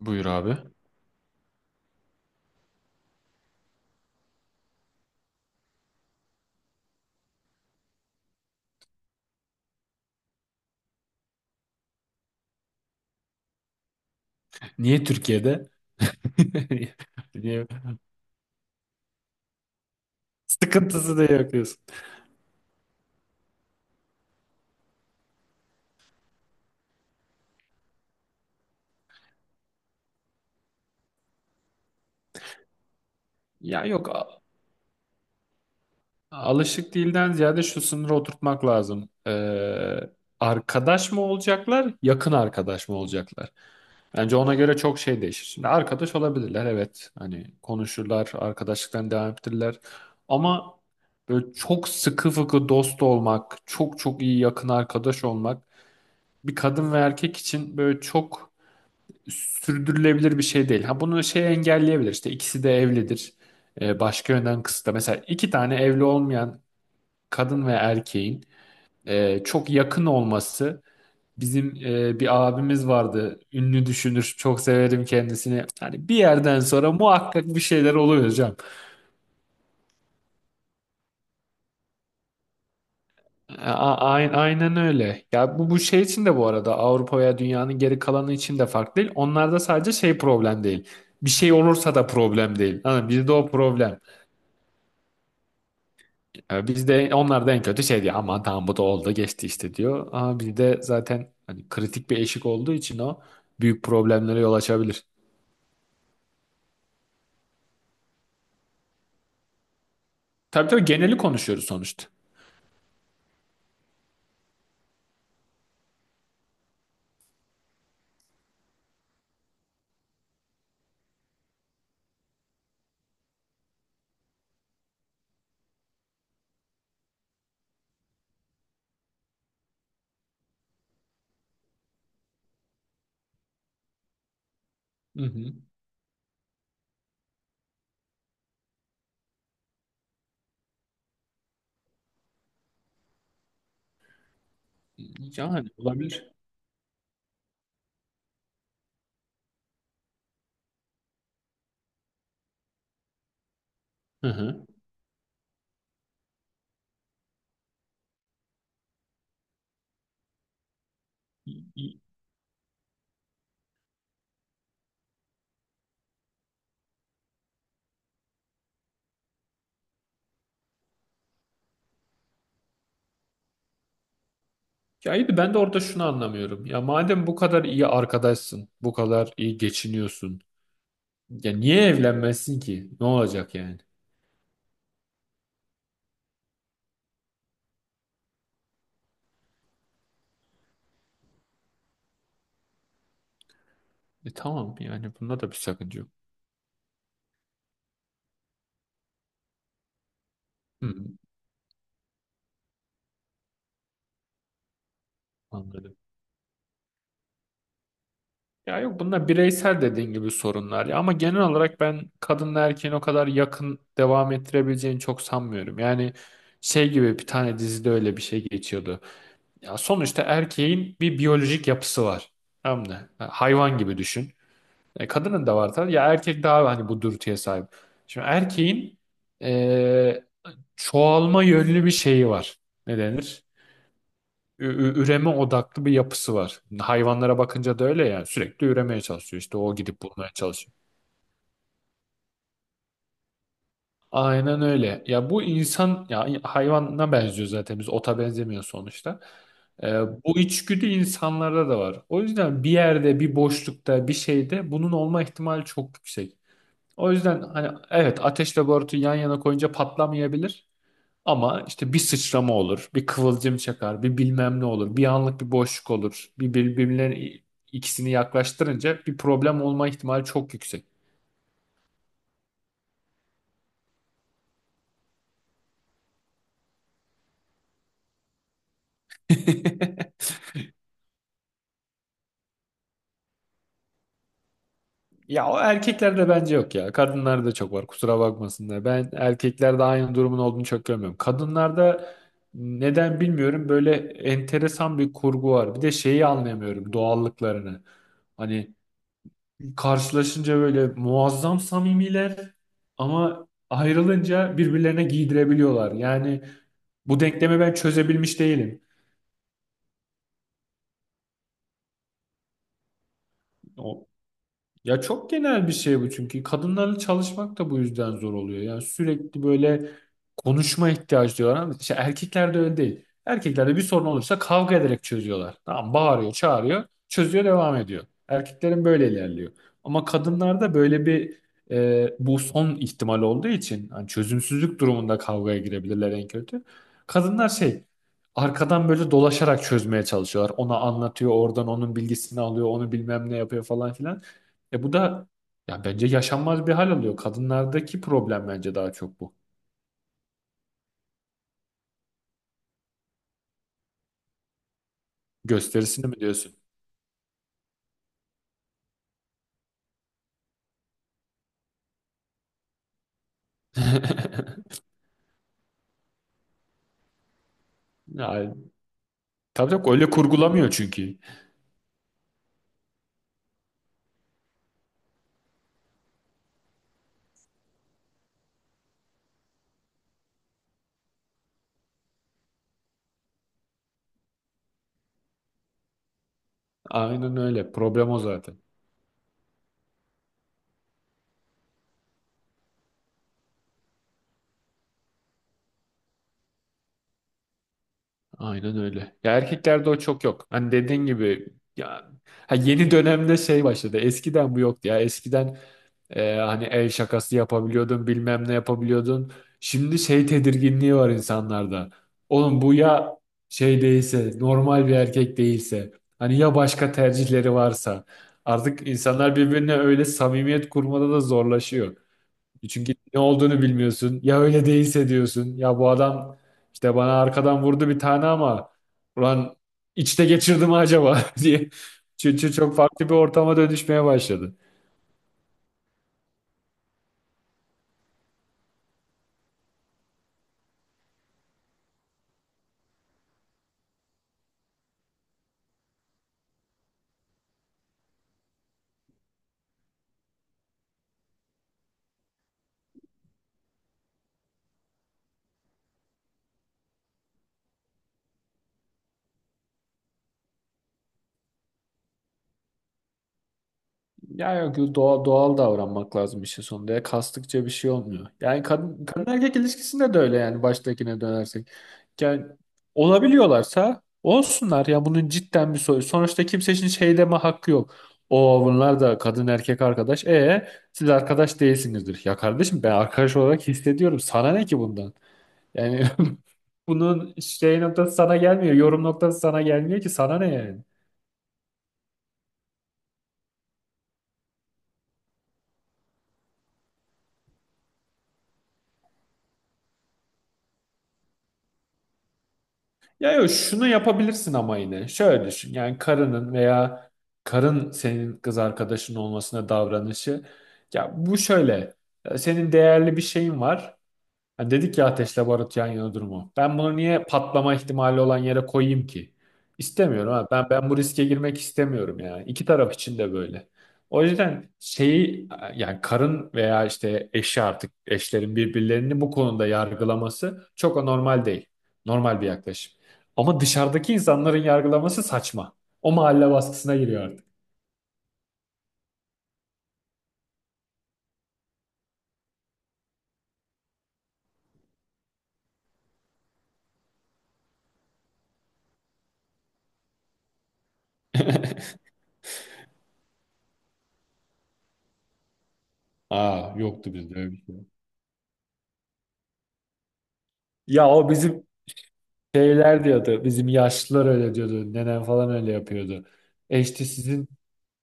Buyur abi. Niye Türkiye'de? Niye? Sıkıntısı da yok diyorsun. Ya yok alışık değilden ziyade şu sınırı oturtmak lazım. Arkadaş mı olacaklar, yakın arkadaş mı olacaklar? Bence ona göre çok şey değişir. Şimdi arkadaş olabilirler, evet. Hani konuşurlar, arkadaşlıktan devam ettirirler. Ama böyle çok sıkı fıkı dost olmak, çok çok iyi yakın arkadaş olmak bir kadın ve erkek için böyle çok sürdürülebilir bir şey değil. Ha, bunu şey engelleyebilir. İşte ikisi de evlidir. Başka yönden kısıtla. Mesela iki tane evli olmayan kadın ve erkeğin çok yakın olması, bizim bir abimiz vardı. Ünlü düşünür. Çok severim kendisini. Yani bir yerden sonra muhakkak bir şeyler oluyor hocam. Aynen öyle. Ya bu şey için de, bu arada Avrupa veya dünyanın geri kalanı için de farklı değil. Onlarda sadece şey problem değil. Bir şey olursa da problem değil. Hani bizde o problem. E, biz de onlar da en kötü şey diyor. Aman tamam, bu da oldu geçti işte diyor. Ama bir de zaten hani kritik bir eşik olduğu için o büyük problemlere yol açabilir. Tabii tabii, geneli konuşuyoruz sonuçta. Hı hı. Yani olabilir. Hı hı. Ya iyi de ben de orada şunu anlamıyorum. Ya madem bu kadar iyi arkadaşsın, bu kadar iyi geçiniyorsun. Ya niye evlenmezsin ki? Ne olacak yani? E tamam, yani bunda da bir sakınca yok. Hı, anladım. Ya yok, bunlar bireysel dediğin gibi sorunlar ya, ama genel olarak ben kadınla erkeğin o kadar yakın devam ettirebileceğini çok sanmıyorum. Yani şey gibi, bir tane dizide öyle bir şey geçiyordu. Ya sonuçta erkeğin bir biyolojik yapısı var. Tamam mı? Ha, hayvan gibi düşün. E, kadının da var tabii. Ya erkek daha hani bu dürtüye sahip. Şimdi erkeğin e, çoğalma yönlü bir şeyi var. Ne denir? ü- Üreme odaklı bir yapısı var. Hayvanlara bakınca da öyle, yani sürekli üremeye çalışıyor. İşte o gidip bulmaya çalışıyor. Aynen öyle. Ya bu insan ya, hayvana benziyor zaten, biz ota benzemiyor sonuçta. Ee, Bu içgüdü insanlarda da var. O yüzden bir yerde, bir boşlukta, bir şeyde bunun olma ihtimali çok yüksek. O yüzden hani evet, ateşle barutu yan yana koyunca patlamayabilir. Ama işte bir sıçrama olur, bir kıvılcım çakar, bir bilmem ne olur, bir anlık bir boşluk olur. Bir birbirlerinin, ikisini yaklaştırınca bir problem olma ihtimali çok yüksek. Ya o erkeklerde bence yok ya. Kadınlarda çok var. Kusura bakmasınlar. Ben erkeklerde aynı durumun olduğunu çok görmüyorum. Kadınlarda neden bilmiyorum, böyle enteresan bir kurgu var. Bir de şeyi anlayamıyorum, doğallıklarını. Hani karşılaşınca böyle muazzam samimiler, ama ayrılınca birbirlerine giydirebiliyorlar. Yani bu denklemi ben çözebilmiş değilim. Ya çok genel bir şey bu, çünkü kadınlarla çalışmak da bu yüzden zor oluyor. Yani sürekli böyle konuşma ihtiyacı diyorlar, ama işte erkeklerde öyle değil. Erkeklerde bir sorun olursa kavga ederek çözüyorlar. Tamam, bağırıyor, çağırıyor, çözüyor, devam ediyor. Erkeklerin böyle ilerliyor. Ama kadınlarda böyle bir bu son ihtimal olduğu için hani çözümsüzlük durumunda kavgaya girebilirler en kötü. Kadınlar şey, arkadan böyle dolaşarak çözmeye çalışıyorlar. Ona anlatıyor, oradan onun bilgisini alıyor, onu bilmem ne yapıyor falan filan. E bu da ya bence yaşanmaz bir hal alıyor. Kadınlardaki problem bence daha çok bu. Gösterisini mi diyorsun? Yani, tabii tabii öyle kurgulamıyor çünkü. Aynen öyle. Problem o zaten. Aynen öyle. Ya erkeklerde o çok yok. Hani dediğin gibi ya, ha yeni dönemde şey başladı. Eskiden bu yoktu ya. Eskiden hani el şakası yapabiliyordun, bilmem ne yapabiliyordun. Şimdi şey tedirginliği var insanlarda. Oğlum bu ya şey değilse, normal bir erkek değilse, hani ya başka tercihleri varsa. Artık insanlar birbirine öyle samimiyet kurmada da zorlaşıyor. Çünkü ne olduğunu bilmiyorsun. Ya öyle değilse diyorsun. Ya bu adam işte bana arkadan vurdu bir tane, ama ulan içte geçirdi mi acaba diye. Çünkü çok farklı bir ortama dönüşmeye başladı. Ya yok, doğal, doğal davranmak lazım işin sonunda. Ya kastıkça bir şey olmuyor. Yani kadın, kadın erkek ilişkisinde de öyle, yani baştakine dönersek. Yani olabiliyorlarsa olsunlar. Ya bunun cidden bir soru. Sonuçta kimsenin şey deme hakkı yok. O bunlar da kadın erkek arkadaş. E siz arkadaş değilsinizdir. Ya kardeşim, ben arkadaş olarak hissediyorum. Sana ne ki bundan? Yani bunun şey noktası sana gelmiyor. Yorum noktası sana gelmiyor ki, sana ne yani? Ya yok, şunu yapabilirsin ama yine. Şöyle düşün. Yani karının veya karın, senin kız arkadaşın olmasına davranışı. Ya bu şöyle. Senin değerli bir şeyin var. Ha, dedik ya, ateşle barut yan yana durumu. Ben bunu niye patlama ihtimali olan yere koyayım ki? İstemiyorum ha. Ben bu riske girmek istemiyorum yani. İki taraf için de böyle. O yüzden şeyi, yani karın veya işte eşi, artık eşlerin birbirlerini bu konuda yargılaması çok anormal değil. Normal bir yaklaşım. Ama dışarıdaki insanların yargılaması saçma. O mahalle baskısına giriyor artık. Aa, yoktu bizde öyle bir şey. Ya o bizim şeyler diyordu. Bizim yaşlılar öyle diyordu. Nenem falan öyle yapıyordu. E işte sizin,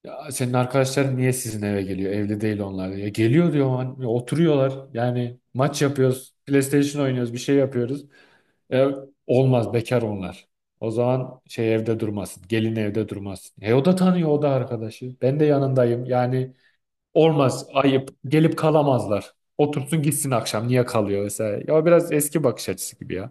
ya senin arkadaşların niye sizin eve geliyor? Evli değil onlar, diyor. Ya geliyor diyor. "Hani oturuyorlar. Yani maç yapıyoruz. PlayStation oynuyoruz. Bir şey yapıyoruz." E, olmaz, bekar onlar. O zaman şey, evde durmasın. Gelin evde durmasın. E o da tanıyor, o da arkadaşı. Ben de yanındayım. Yani olmaz, ayıp. Gelip kalamazlar. Otursun gitsin akşam. Niye kalıyor vesaire. Ya biraz eski bakış açısı gibi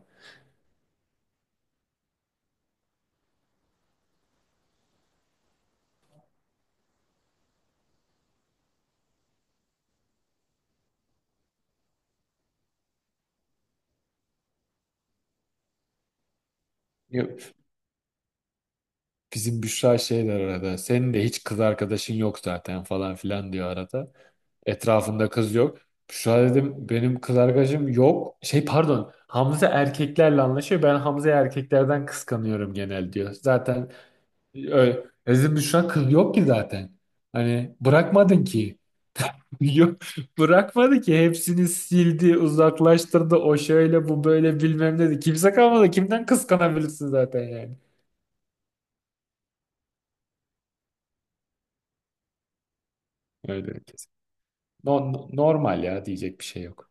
ya. Bizim Büşra şey der arada. "Senin de hiç kız arkadaşın yok zaten" falan filan diyor arada. Etrafında kız yok. Büşra, dedim, benim kız arkadaşım yok. Şey pardon, Hamza erkeklerle anlaşıyor. Ben Hamza'yı erkeklerden kıskanıyorum genel, diyor. Zaten öyle. Bizim Büşra, kız yok ki zaten. Hani bırakmadın ki. Yok, bırakmadı ki, hepsini sildi, uzaklaştırdı. O şöyle, bu böyle, bilmem ne dedi. Kimse kalmadı. Kimden kıskanabilirsin zaten yani? Öyle. Normal ya, diyecek bir şey yok.